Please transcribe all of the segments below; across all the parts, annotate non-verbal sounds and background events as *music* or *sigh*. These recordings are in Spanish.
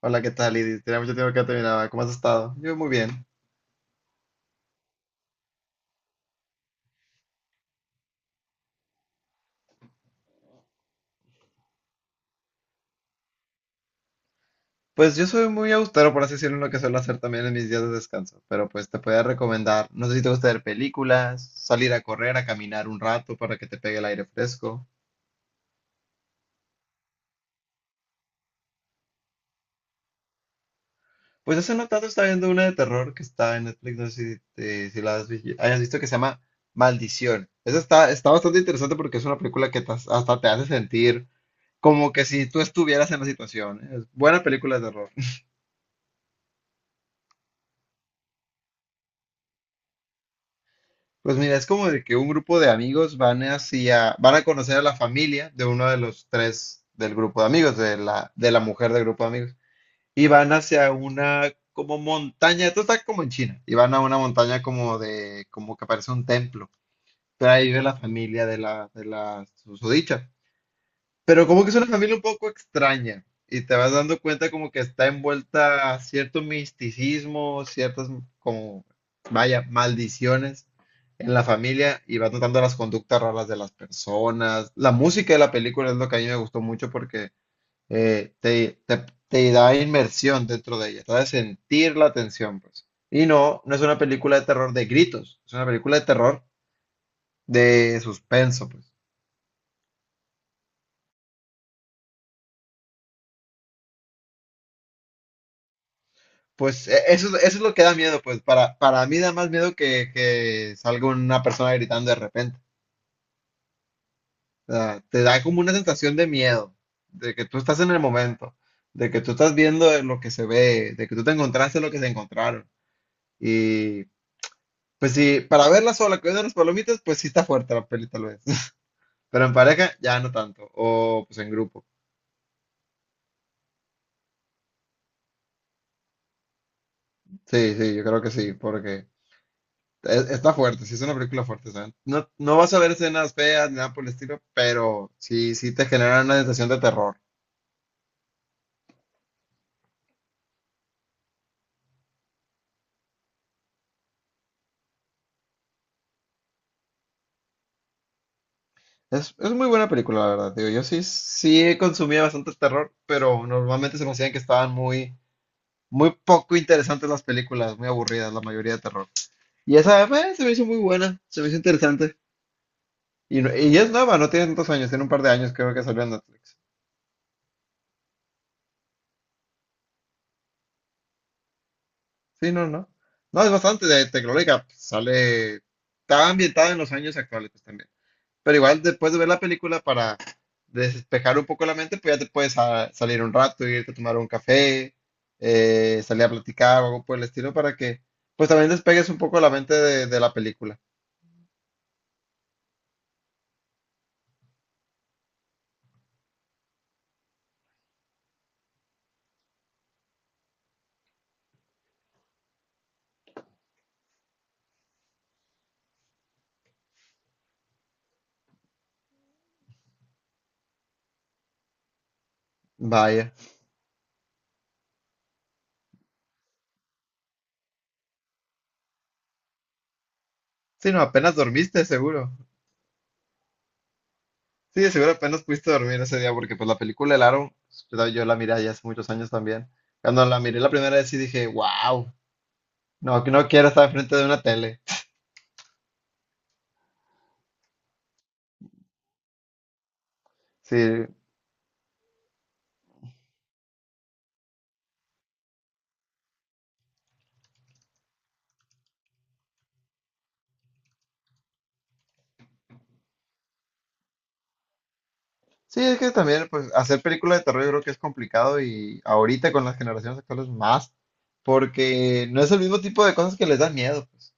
Hola, ¿qué tal, Lidis? Tenía mucho tiempo que no te miraba. ¿Cómo has estado? Yo muy bien. Pues yo soy muy austero, por así decirlo, en lo que suelo hacer también en mis días de descanso. Pero pues te podría recomendar, no sé si te gusta ver películas, salir a correr, a caminar un rato para que te pegue el aire fresco. Pues hace no tanto estaba viendo una de terror que está en Netflix, no sé si, si hayas visto, que se llama Maldición. Esa está bastante interesante porque es una película que te hasta te hace sentir como que si tú estuvieras en la situación. ¿Eh? Es buena película de terror. Pues mira, es como de que un grupo de amigos van hacia, van a conocer a la familia de uno de los tres del grupo de amigos, de la mujer del grupo de amigos, y van hacia una como montaña, esto está como en China, y van a una montaña como de, como que parece un templo, pero ahí vive la familia de la susodicha. Pero como que es una familia un poco extraña y te vas dando cuenta como que está envuelta cierto misticismo, ciertas como, vaya, maldiciones en la familia y vas notando las conductas raras de las personas. La música de la película es lo que a mí me gustó mucho porque te da inmersión dentro de ella, te da sentir la tensión, pues. Y no, no es una película de terror de gritos, es una película de terror de suspenso, pues. Pues eso es lo que da miedo, pues para mí da más miedo que salga una persona gritando de repente. O sea, te da como una sensación de miedo, de que tú estás en el momento, de que tú estás viendo lo que se ve, de que tú te encontraste lo que se encontraron. Y pues sí, para verla sola, comiendo las palomitas, pues sí está fuerte la peli tal vez. *laughs* Pero en pareja ya no tanto, o pues en grupo. Sí, sí, yo creo que sí, porque está fuerte, sí es una película fuerte, ¿saben? No, no vas a ver escenas feas ni nada por el estilo, pero sí, sí te genera una sensación de terror. Es muy buena película, la verdad, digo, yo sí, sí consumía bastante terror, pero normalmente se me hacían que estaban muy, muy poco interesantes las películas, muy aburridas la mayoría de terror. Y esa se me hizo muy buena, se me hizo interesante. Y es nueva, no tiene tantos años, tiene un par de años creo que salió en Netflix. Sí, no, no. No, es bastante de tecnológica, sale, está ambientada en los años actuales pues, también. Pero igual después de ver la película para despejar un poco la mente, pues ya te puedes salir un rato, irte a tomar un café, salir a platicar o algo por el estilo para que pues también despegues un poco la mente de la película. Vaya. Sí, no, apenas dormiste, seguro. Sí, de seguro apenas pudiste dormir ese día porque pues la película El Aro, yo la miré ya hace muchos años también. Cuando la miré la primera vez sí dije, wow, no, que no quiero estar frente de una tele. Sí, sí, es que también, pues, hacer películas de terror yo creo que es complicado y ahorita con las generaciones actuales más, porque no es el mismo tipo de cosas que les dan miedo, pues.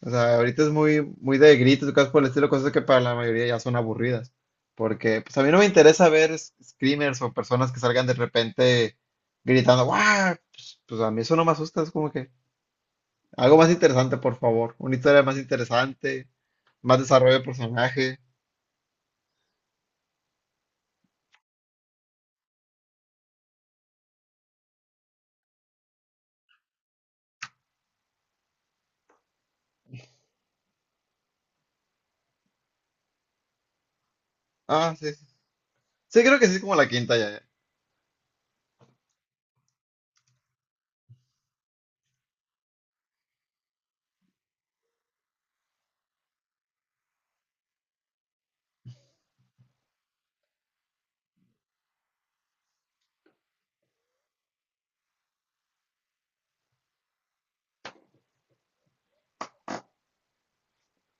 O sea, ahorita es muy, muy de gritos y cosas por el estilo, cosas que para la mayoría ya son aburridas. Porque, pues, a mí no me interesa ver screamers o personas que salgan de repente gritando, ¡guau! Pues a mí eso no me asusta, es como que algo más interesante, por favor. Una historia más interesante, más desarrollo de personaje. Ah, sí, sí. Sí, creo que sí es como la quinta ya.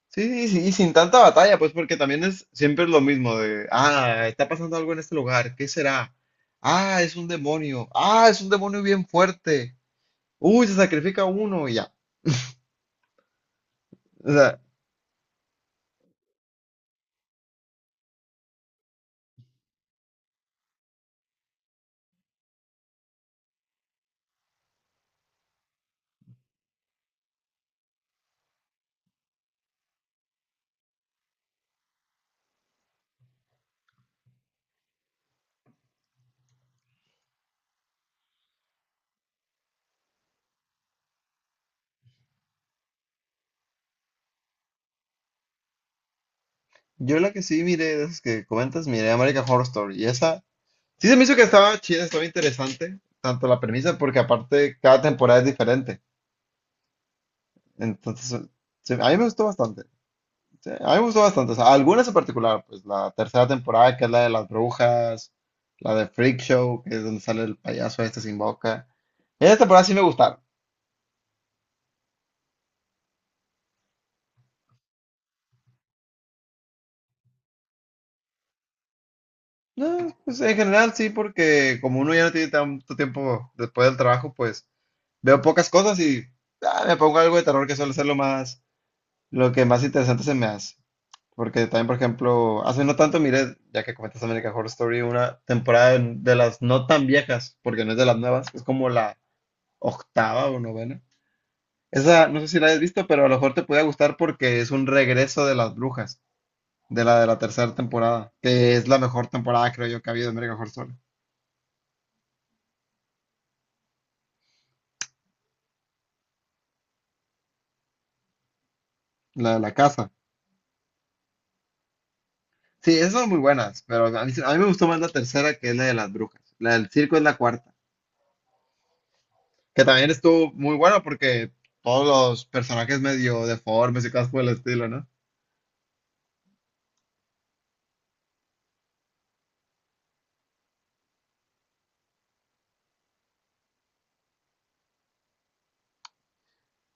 Sí, y sin tanta batalla, pues porque también es siempre es lo mismo de, ah, está pasando algo en este lugar, ¿qué será? Ah, es un demonio, ah, es un demonio bien fuerte, uy, se sacrifica uno y ya. O sea, yo la que sí miré, de esas que comentas, miré American Horror Story y esa, sí se me hizo que estaba chida, estaba interesante, tanto la premisa, porque aparte cada temporada es diferente, entonces, a mí me gustó bastante. Sí, a mí me gustó bastante. O sea, algunas en particular, pues la tercera temporada, que es la de las brujas, la de Freak Show, que es donde sale el payaso este sin boca. Esa temporada sí me gustaron. No, pues en general sí, porque como uno ya no tiene tanto tiempo después del trabajo, pues veo pocas cosas y me pongo algo de terror que suele ser lo que más interesante se me hace. Porque también, por ejemplo, hace no tanto miré, ya que comentas American Horror Story, una temporada de las no tan viejas, porque no es de las nuevas, es como la octava o novena. Esa no sé si la hayas visto, pero a lo mejor te puede gustar porque es un regreso de las brujas, de la tercera temporada, que es la mejor temporada, creo yo, que ha habido en American Horror Story, la de la casa. Sí, esas son muy buenas, pero a mí, a mí me gustó más la tercera que es la de las brujas. La del circo es la cuarta, que también estuvo muy buena porque todos los personajes medio deformes y cosas por el estilo, ¿no?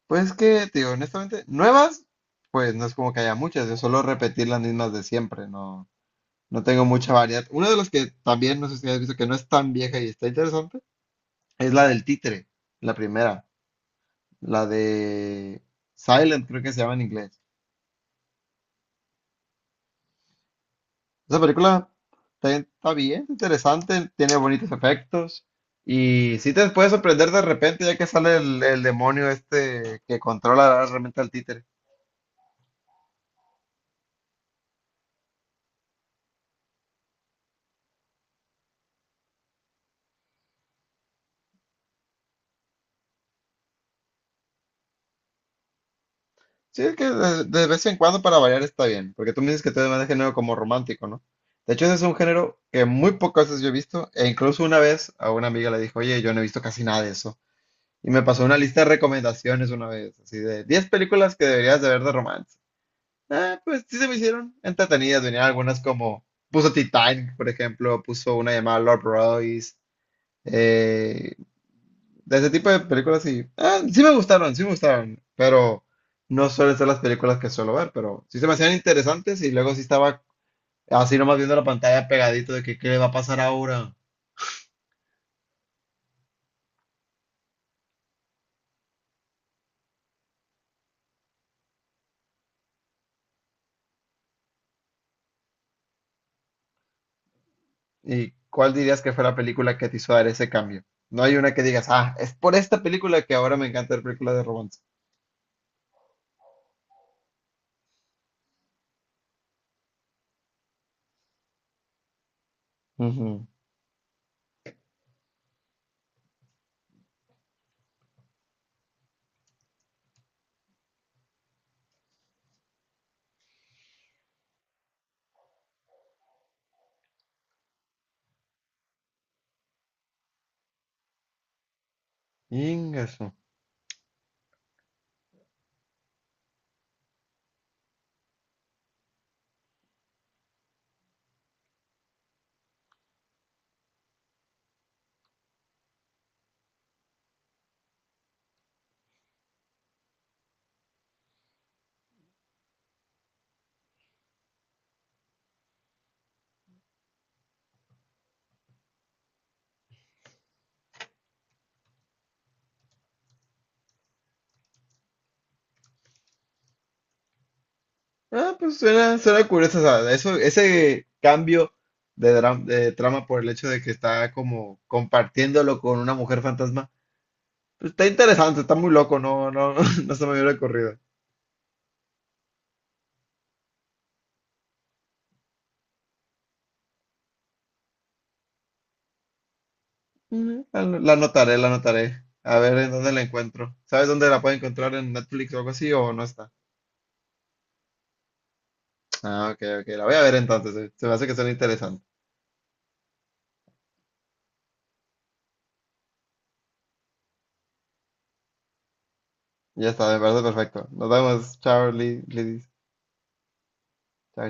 Pues es que, tío, honestamente, nuevas, pues no es como que haya muchas, es solo repetir las mismas de siempre, ¿no? No tengo mucha variedad. Una de las que también no sé si has visto que no es tan vieja y está interesante es la del títere, la primera, la de Silent, creo que se llama en inglés. Esa película está bien, interesante, tiene bonitos efectos y sí te puede sorprender de repente ya que sale el, demonio este que controla realmente al títere. Sí, es que de vez en cuando para variar está bien, porque tú me dices que te demanda género como romántico, ¿no? De hecho, ese es un género que muy pocas veces yo he visto, e incluso una vez a una amiga le dijo, oye, yo no he visto casi nada de eso. Y me pasó una lista de recomendaciones una vez, así de 10 películas que deberías de ver de romance. Ah, pues sí se me hicieron entretenidas, venían algunas como, puso Titanic, por ejemplo, puso una llamada Lord Royce, eh, de ese tipo de películas sí. Ah, sí me gustaron, sí me gustaron. Pero no suelen ser las películas que suelo ver, pero sí se me hacían interesantes y luego sí estaba así nomás viendo la pantalla pegadito de que qué le va a pasar ahora. ¿Y cuál dirías que fue la película que te hizo dar ese cambio? No hay una que digas, ah, es por esta película que ahora me encanta ver películas de romance. Ujú. Ingaso. Ah, pues suena curioso, o sea, eso, ese cambio de trama por el hecho de que está como compartiéndolo con una mujer fantasma. Está interesante, está muy loco, no, no, *laughs* no se me hubiera ocurrido. La anotaré, la anotaré. A ver en dónde la encuentro. ¿Sabes dónde la puedo encontrar en Netflix o algo así o no está? Ah, ok, ok, la voy a ver entonces. Se me hace que suena interesante. Ya está, me parece perfecto. Nos vemos, chao, chao,